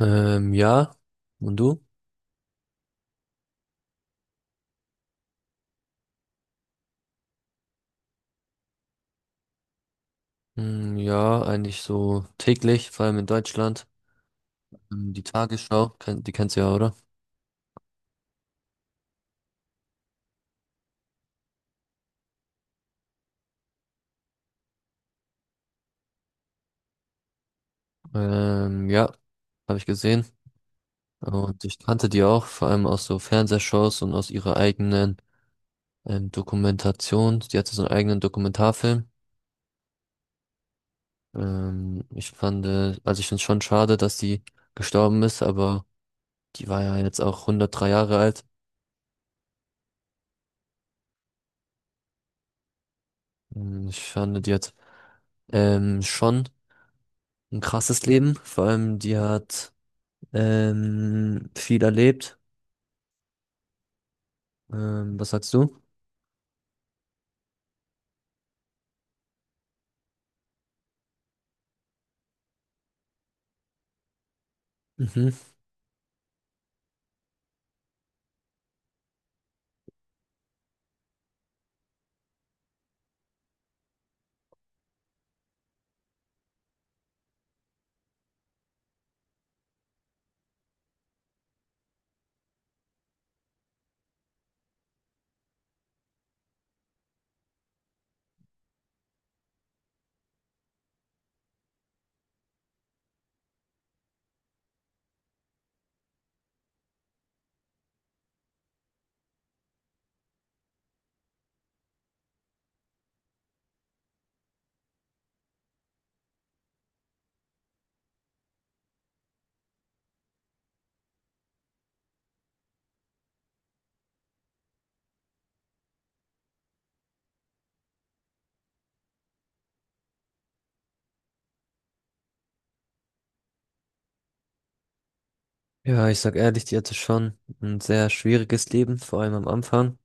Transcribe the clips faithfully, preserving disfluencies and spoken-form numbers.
Ähm, ja. Und du? Hm, ja, eigentlich so täglich, vor allem in Deutschland. Ähm, Die Tagesschau, kenn- die kennst du ja, oder? Ähm, ja, habe ich gesehen. Und ich kannte die auch, vor allem aus so Fernsehshows und aus ihrer eigenen ähm, Dokumentation. Die hatte so einen eigenen Dokumentarfilm. Ähm, ich fand, äh, also ich finde es schon schade, dass die gestorben ist, aber die war ja jetzt auch hundertdrei Jahre alt. Ähm, Ich fand, die hat ähm, schon ein krasses Leben. Vor allem, die hat Ähm, viel erlebt. Ähm, was sagst du? Mhm. Ja, ich sag ehrlich, die hatte schon ein sehr schwieriges Leben, vor allem am Anfang.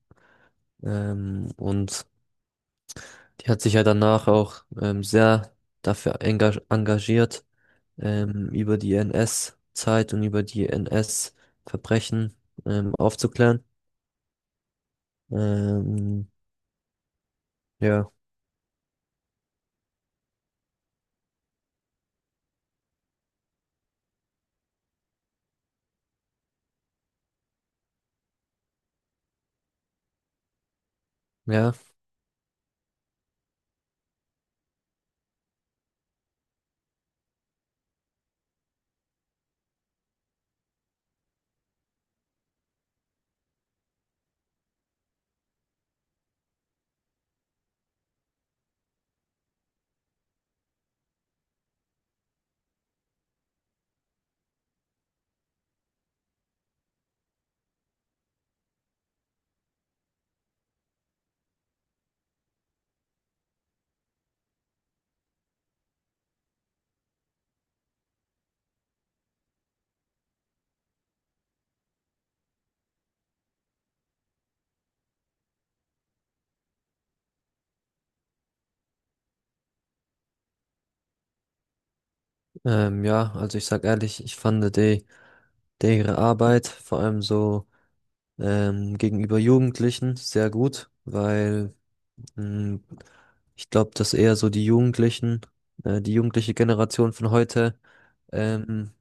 Ähm, und die hat sich ja danach auch ähm, sehr dafür enga- engagiert, ähm, über die N S-Zeit und über die N S-Verbrechen ähm, aufzuklären. Ähm, ja, ja, ähm, ja, also ich sag ehrlich, ich fand die, die ihre Arbeit, vor allem so ähm, gegenüber Jugendlichen sehr gut, weil mh, ich glaube, dass eher so die Jugendlichen, äh, die jugendliche Generation von heute ähm,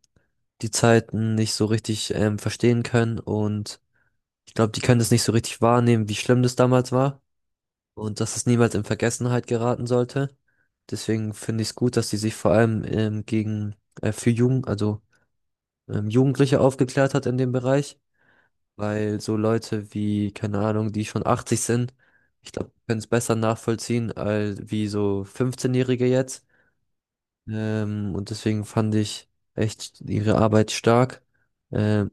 die Zeiten nicht so richtig ähm, verstehen können und ich glaube, die können das nicht so richtig wahrnehmen, wie schlimm das damals war und dass es niemals in Vergessenheit geraten sollte. Deswegen finde ich es gut, dass sie sich vor allem ähm, gegen äh, für Jugend, also ähm, Jugendliche aufgeklärt hat in dem Bereich, weil so Leute wie, keine Ahnung, die schon achtzig sind, ich glaube, können es besser nachvollziehen als wie so fünfzehn-Jährige jetzt. Ähm, und deswegen fand ich echt ihre Arbeit stark. Ähm,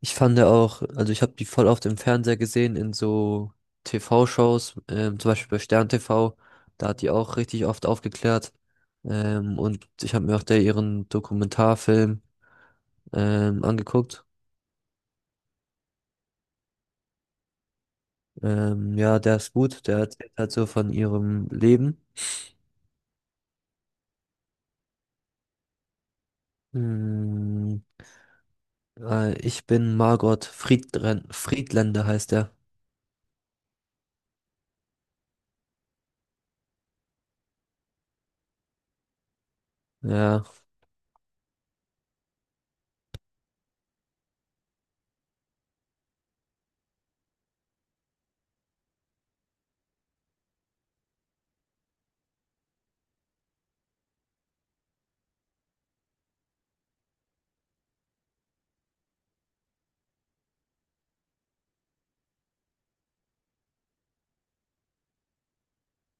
Ich fand ja auch, also ich habe die voll oft im Fernseher gesehen, in so T V-Shows, ähm, zum Beispiel bei Stern T V, da hat die auch richtig oft aufgeklärt. Ähm, und ich habe mir auch da ihren Dokumentarfilm ähm, angeguckt. Ähm, ja, Der ist gut. Der erzählt halt so von ihrem Leben. Hm, äh, Ich bin Margot Friedren Friedländer heißt er. Ja,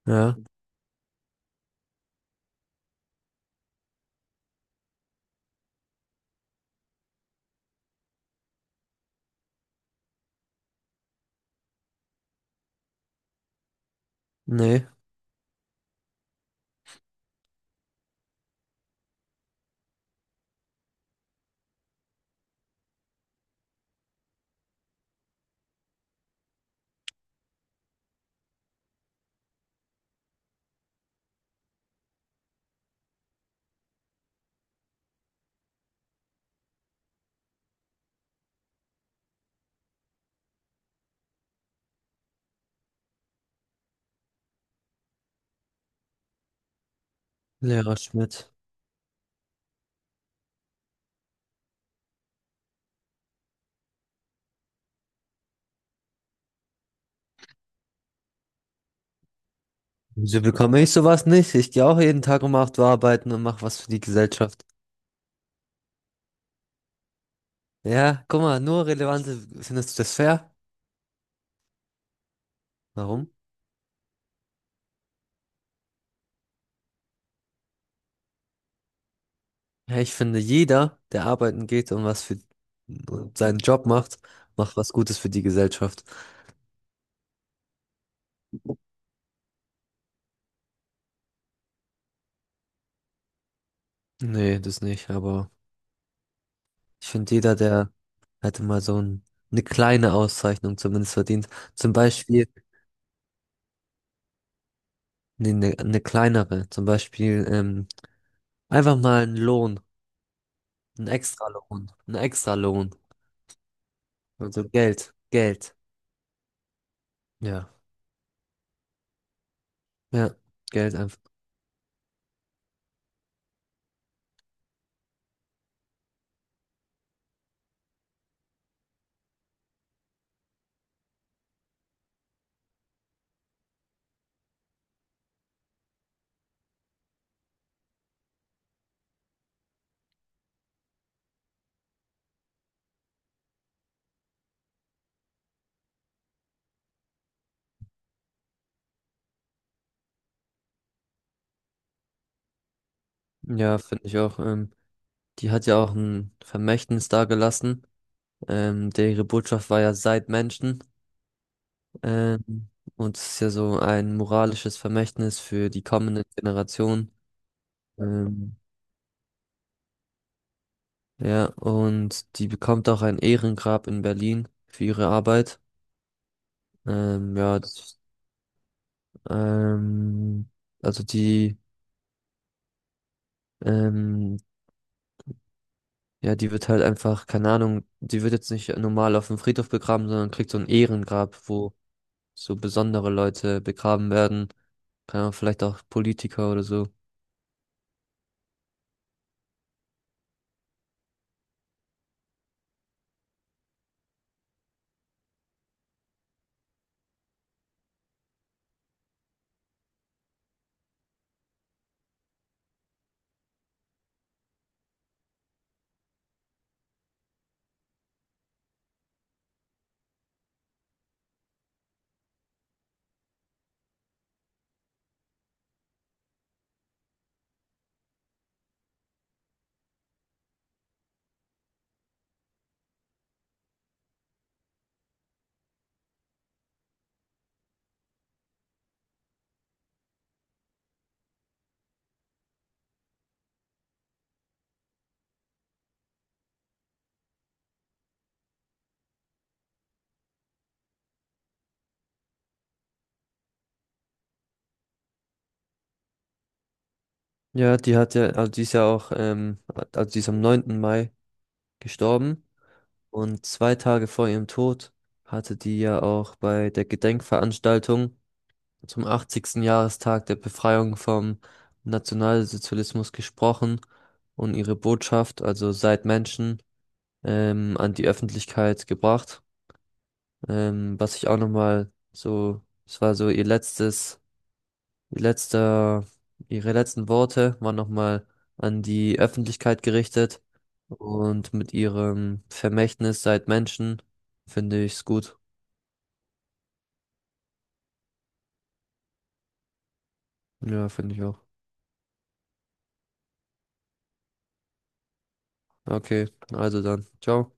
ja. Nee, Lehrer Schmidt. Wieso bekomme ich sowas nicht? Ich gehe auch jeden Tag um acht Uhr arbeiten und mache was für die Gesellschaft. Ja, guck mal, nur relevante, findest du das fair? Warum? Ja, ich finde, jeder, der arbeiten geht und was für seinen Job macht, macht was Gutes für die Gesellschaft. Nee, das nicht, aber. Ich finde, jeder, der hätte mal so ein, eine kleine Auszeichnung zumindest verdient. Zum Beispiel, nee, eine, eine kleinere. Zum Beispiel, ähm, einfach mal einen Lohn, einen Extralohn, einen Extralohn. Also Geld, Geld. Ja, ja, Geld einfach. Ja, finde ich auch. Ähm, die hat ja auch ein Vermächtnis dagelassen. Ähm, der Ihre Botschaft war ja: seid Menschen. Ähm, und es ist ja so ein moralisches Vermächtnis für die kommenden Generationen. Ähm, Ja, und die bekommt auch ein Ehrengrab in Berlin für ihre Arbeit. Ähm, ja, das, ähm, also die, ähm, ja, die wird halt einfach, keine Ahnung, die wird jetzt nicht normal auf dem Friedhof begraben, sondern kriegt so ein Ehrengrab, wo so besondere Leute begraben werden. Keine Ahnung, vielleicht auch Politiker oder so. Ja, die hat ja, also die ist ja auch, ähm, also die ist am neunten Mai gestorben. Und zwei Tage vor ihrem Tod hatte die ja auch bei der Gedenkveranstaltung zum achtzigsten. Jahrestag der Befreiung vom Nationalsozialismus gesprochen und ihre Botschaft, also seid Menschen, ähm, an die Öffentlichkeit gebracht. Ähm, was ich auch nochmal so, es war so ihr letztes Ihr letzter, ihre letzten Worte waren nochmal an die Öffentlichkeit gerichtet und mit ihrem Vermächtnis seid Menschen finde ich's gut. Ja, finde ich auch. Okay, also dann, ciao.